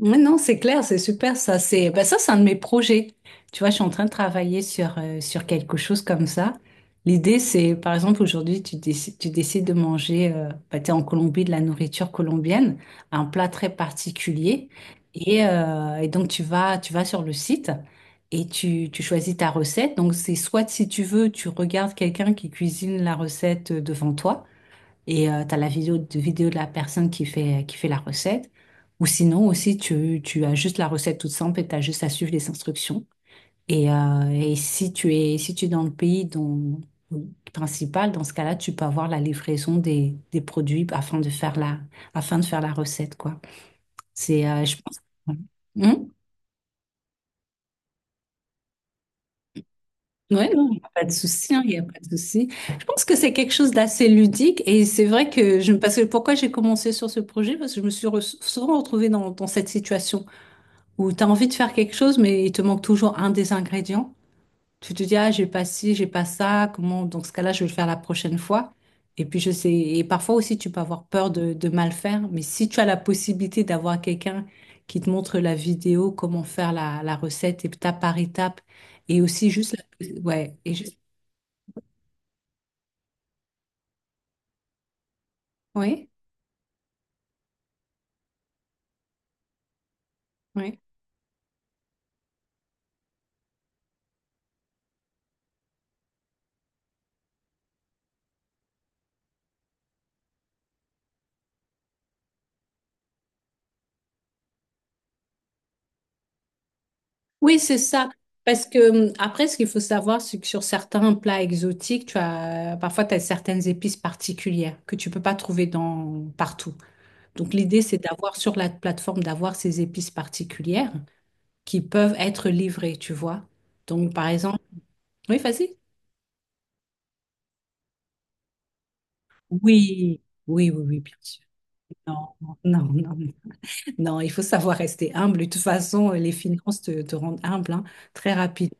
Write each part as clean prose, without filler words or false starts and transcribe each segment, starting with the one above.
Oui, non, c'est clair, c'est super ça. C'est ben ça, c'est un de mes projets. Tu vois, je suis en train de travailler sur, sur quelque chose comme ça. L'idée, c'est, par exemple, aujourd'hui, tu décides de manger, bah, t'es en Colombie, de la nourriture colombienne, un plat très particulier. Et, et donc, tu vas sur le site et tu choisis ta recette. Donc, c'est soit, si tu veux, tu regardes quelqu'un qui cuisine la recette devant toi et tu as la vidéo de la personne qui fait la recette. Ou sinon aussi, tu as juste la recette toute simple et tu as juste à suivre les instructions. Et, et si tu es dans le pays dont, principal, dans ce cas-là, tu peux avoir la livraison des produits afin de faire la, afin de faire la recette, quoi. Je pense. Hmm. Ouais, non, il n'y a pas de souci, hein, il n'y a pas de souci. Je pense que c'est quelque chose d'assez ludique et c'est vrai que parce que pourquoi j'ai commencé sur ce projet, parce que je me suis souvent retrouvée dans, dans cette situation où tu as envie de faire quelque chose, mais il te manque toujours un des ingrédients. Tu te dis, ah, j'ai pas ci, j'ai pas ça, comment, dans ce cas-là, je vais le faire la prochaine fois. Et puis, je sais, et parfois aussi, tu peux avoir peur de mal faire, mais si tu as la possibilité d'avoir quelqu'un qui te montre la vidéo, comment faire la, la recette étape par étape, et aussi juste la, ouais, et juste. Oui, oui. Oui, c'est ça. Parce que après, ce qu'il faut savoir, c'est que sur certains plats exotiques, tu as parfois tu as certaines épices particulières que tu peux pas trouver dans partout. Donc l'idée, c'est d'avoir sur la plateforme d'avoir ces épices particulières qui peuvent être livrées, tu vois. Donc par exemple, oui, vas-y. Oui, oui, oui, oui, bien sûr. Non, non, non, non. Non, il faut savoir rester humble. De toute façon, les finances te, te rendent humble, hein, très rapidement.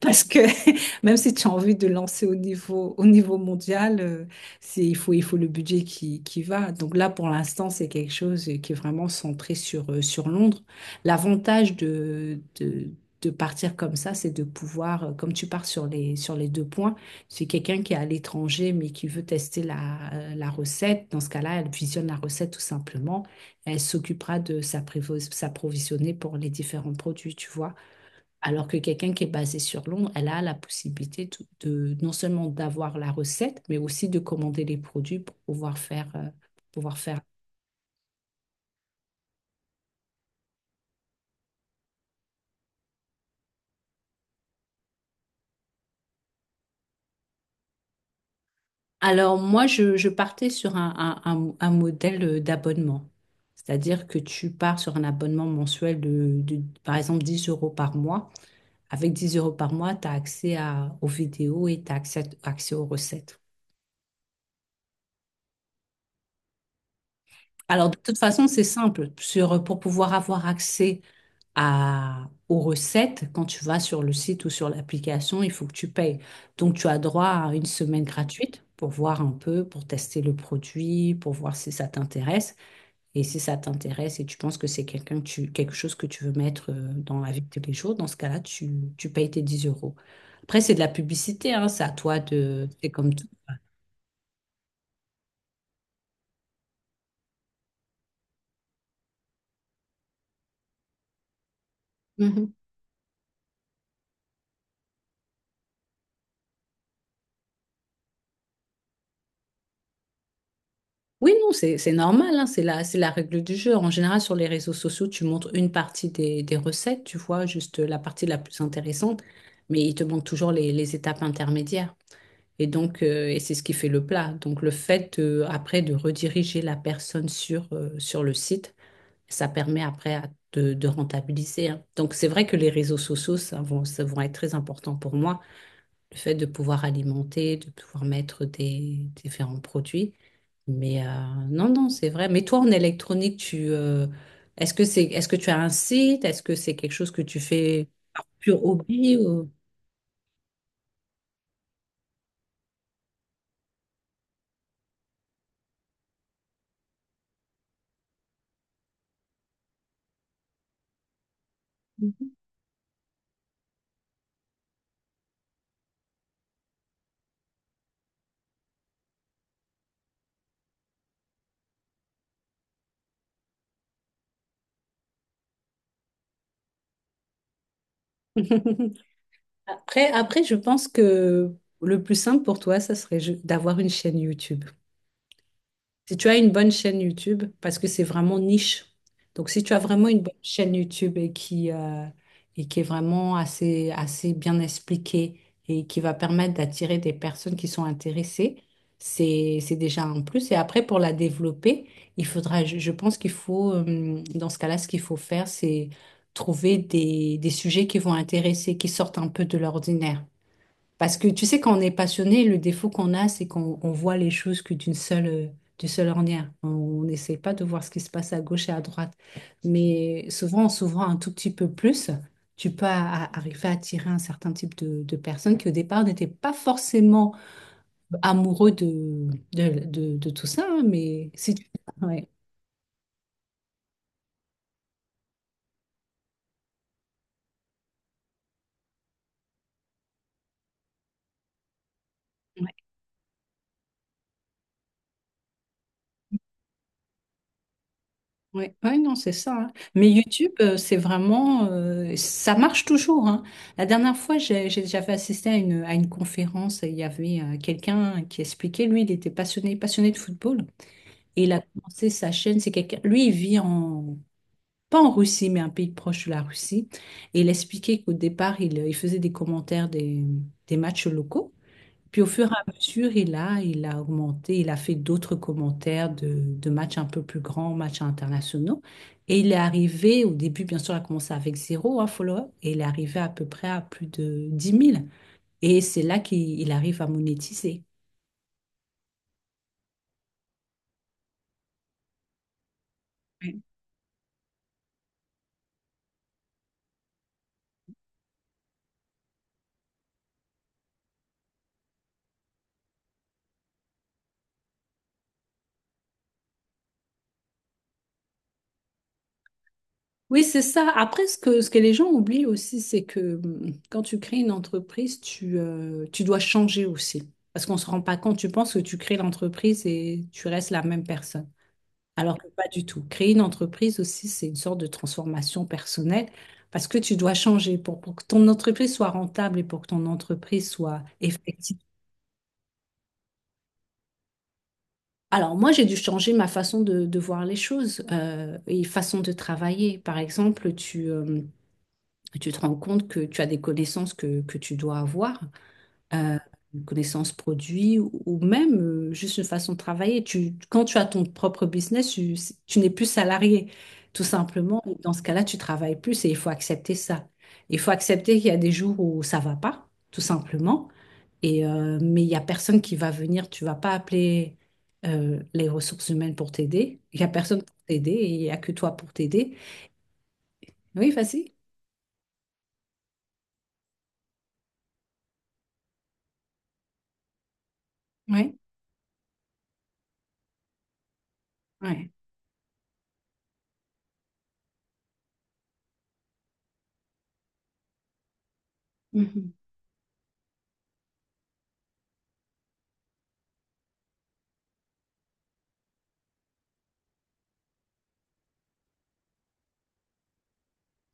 Parce que même si tu as envie de lancer au niveau mondial, c'est, il faut le budget qui va. Donc là, pour l'instant, c'est quelque chose qui est vraiment centré sur, sur Londres. L'avantage de partir comme ça, c'est de pouvoir, comme tu pars sur les deux points, c'est quelqu'un qui est à l'étranger mais qui veut tester la, la recette. Dans ce cas-là, elle visionne la recette tout simplement. Elle s'occupera de s'approvisionner pour les différents produits, tu vois. Alors que quelqu'un qui est basé sur Londres, elle a la possibilité non seulement d'avoir la recette, mais aussi de commander les produits pour pouvoir fairepour pouvoir faire. Alors moi, je partais sur un modèle d'abonnement. C'est-à-dire que tu pars sur un abonnement mensuel de, par exemple, 10 € par mois. Avec 10 € par mois, tu as accès aux vidéos et tu as accès aux recettes. Alors, de toute façon, c'est simple. Sur, pour pouvoir avoir accès aux recettes, quand tu vas sur le site ou sur l'application, il faut que tu payes. Donc, tu as droit à une semaine gratuite pour voir un peu, pour tester le produit, pour voir si ça t'intéresse. Et si ça t'intéresse et tu penses que c'est quelqu'un que tu, quelque chose que tu veux mettre dans la vie de tous les jours, dans ce cas-là, tu payes tes 10 euros. Après, c'est de la publicité, hein, c'est à toi de... C'est comme tout. Oui, non, c'est normal, hein, c'est la règle du jeu. En général, sur les réseaux sociaux, tu montres une partie des recettes, tu vois, juste la partie la plus intéressante, mais il te manque toujours les étapes intermédiaires. Et donc, c'est ce qui fait le plat. Donc, le fait, après, de rediriger la personne sur, sur le site, ça permet après de rentabiliser, hein. Donc, c'est vrai que les réseaux sociaux, ça vont être très importants pour moi le fait de pouvoir alimenter, de pouvoir mettre des différents produits. Mais non, non, c'est vrai. Mais toi, en électronique, tu est-ce que tu as un site? Est-ce que c'est quelque chose que tu fais pur hobby? Après, je pense que le plus simple pour toi, ça serait d'avoir une chaîne YouTube. Si tu as une bonne chaîne YouTube, parce que c'est vraiment niche. Donc, si tu as vraiment une bonne chaîne YouTube et qui, est vraiment assez bien expliquée et qui va permettre d'attirer des personnes qui sont intéressées, c'est déjà un plus. Et après, pour la développer, il faudra, je pense qu'il faut, dans ce cas-là, ce qu'il faut faire, c'est trouver des sujets qui vont intéresser, qui sortent un peu de l'ordinaire. Parce que tu sais, quand on est passionné, le défaut qu'on a, c'est qu'on voit les choses que d'une seule, d'une seule ornière. On n'essaie pas de voir ce qui se passe à gauche et à droite. Mais souvent, en s'ouvrant un tout petit peu plus, tu peux arriver à attirer un certain type de personnes qui, au départ, n'étaient pas forcément amoureux de tout ça, hein, mais si tu... ouais. Oui, ouais, non, c'est ça, hein. Mais YouTube, c'est vraiment, ça marche toujours, hein. La dernière fois, j'avais assisté à une conférence et il y avait quelqu'un qui expliquait, lui, il était passionné de football. Et il a commencé sa chaîne, c'est quelqu'un, lui, il vit en, pas en Russie, mais un pays proche de la Russie. Et il expliquait qu'au départ, il faisait des commentaires des matchs locaux. Puis au fur et à mesure, il a augmenté, il a fait d'autres commentaires de matchs un peu plus grands, matchs internationaux. Et il est arrivé, au début, bien sûr, il a commencé avec zéro, un follow-up, et il est arrivé à peu près à plus de 10 000. Et c'est là qu'il arrive à monétiser. Oui. Oui, c'est ça. Après, ce que les gens oublient aussi, c'est que quand tu crées une entreprise, tu dois changer aussi. Parce qu'on ne se rend pas compte, tu penses que tu crées l'entreprise et tu restes la même personne. Alors que pas du tout. Créer une entreprise aussi, c'est une sorte de transformation personnelle parce que tu dois changer pour que ton entreprise soit rentable et pour que ton entreprise soit effective. Alors moi, j'ai dû changer ma façon de voir les choses et façon de travailler. Par exemple, tu te rends compte que tu as des connaissances que tu dois avoir. euh, une connaissance produit ou même juste une façon de travailler. Quand tu as ton propre business, tu n'es plus salarié, tout simplement. Et dans ce cas-là, tu travailles plus et il faut accepter ça. Il faut accepter qu'il y a des jours où ça va pas, tout simplement. Et, mais il y a personne qui va venir, tu vas pas appeler les ressources humaines pour t'aider. Il y a personne pour t'aider et il y a que toi pour t'aider. Oui, vas-y. Oui, oui.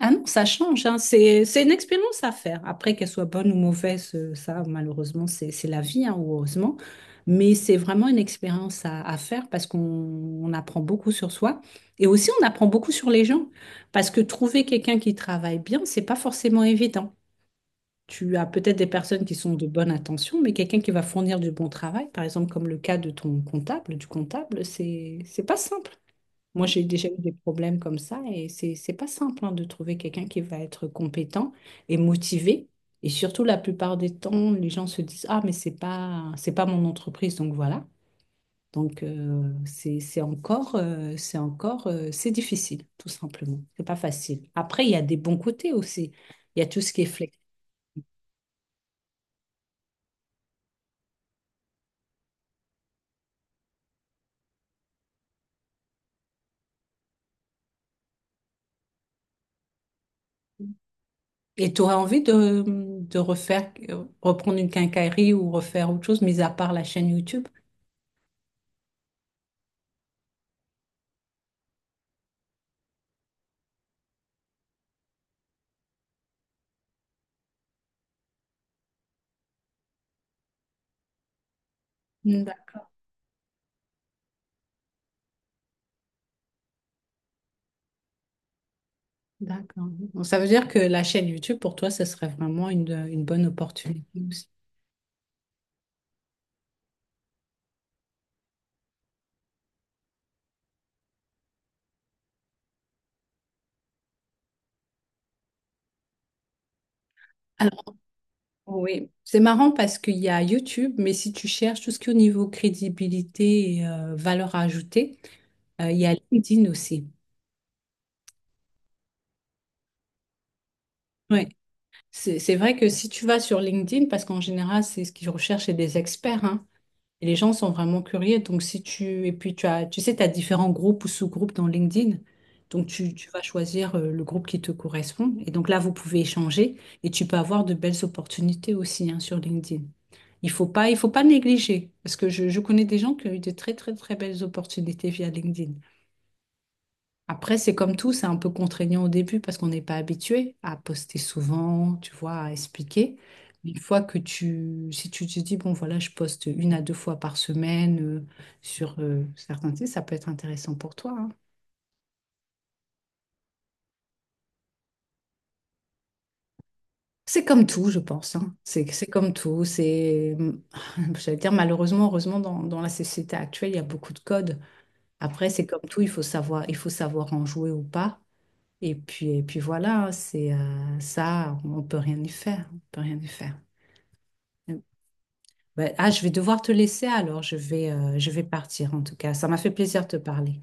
Ah non, ça change, hein. C'est une expérience à faire. Après, qu'elle soit bonne ou mauvaise, ça, malheureusement, c'est la vie, hein, ou heureusement. Mais c'est vraiment une expérience à faire parce qu'on apprend beaucoup sur soi. Et aussi, on apprend beaucoup sur les gens. Parce que trouver quelqu'un qui travaille bien, c'est pas forcément évident. Tu as peut-être des personnes qui sont de bonne intention, mais quelqu'un qui va fournir du bon travail, par exemple, comme le cas de ton comptable, du comptable, c'est pas simple. Moi, j'ai déjà eu des problèmes comme ça et c'est pas simple, hein, de trouver quelqu'un qui va être compétent et motivé. Et surtout, la plupart des temps, les gens se disent, ah, mais c'est pas mon entreprise, donc voilà. Donc, c'est difficile, tout simplement. C'est pas facile. Après, il y a des bons côtés aussi. Il y a tout ce qui est flexible. Et tu aurais envie de refaire, reprendre une quincaillerie ou refaire autre chose, mis à part la chaîne YouTube? D'accord. Donc, ça veut dire que la chaîne YouTube, pour toi, ce serait vraiment une bonne opportunité aussi. Alors, oui, c'est marrant parce qu'il y a YouTube, mais si tu cherches tout ce qui est au niveau crédibilité et valeur ajoutée, il y a LinkedIn aussi. Oui, c'est vrai que si tu vas sur LinkedIn, parce qu'en général, c'est ce qu'ils recherchent chez des experts, hein. Et les gens sont vraiment curieux. Donc, si tu, et puis tu as, tu sais, tu as différents groupes ou sous-groupes dans LinkedIn. Donc, tu vas choisir le groupe qui te correspond. Et donc là, vous pouvez échanger et tu peux avoir de belles opportunités aussi, hein, sur LinkedIn. Il faut pas négliger parce que je connais des gens qui ont eu de très, très, très belles opportunités via LinkedIn. Après, c'est comme tout, c'est un peu contraignant au début parce qu'on n'est pas habitué à poster souvent, tu vois, à expliquer. Mais une fois que si tu te dis, bon, voilà, je poste une à deux fois par semaine, sur certains sites, ça peut être intéressant pour toi, hein. C'est comme tout, je pense, hein. C'est comme tout. C'est, j'allais dire, malheureusement, heureusement, dans, dans la société actuelle, il y a beaucoup de codes. Après, c'est comme tout, il faut savoir en jouer ou pas. Et puis voilà, hein, c'est ça, on peut rien y faire, on peut rien y faire. Ouais. Ah, je vais devoir te laisser alors, je vais partir en tout cas. Ça m'a fait plaisir de te parler.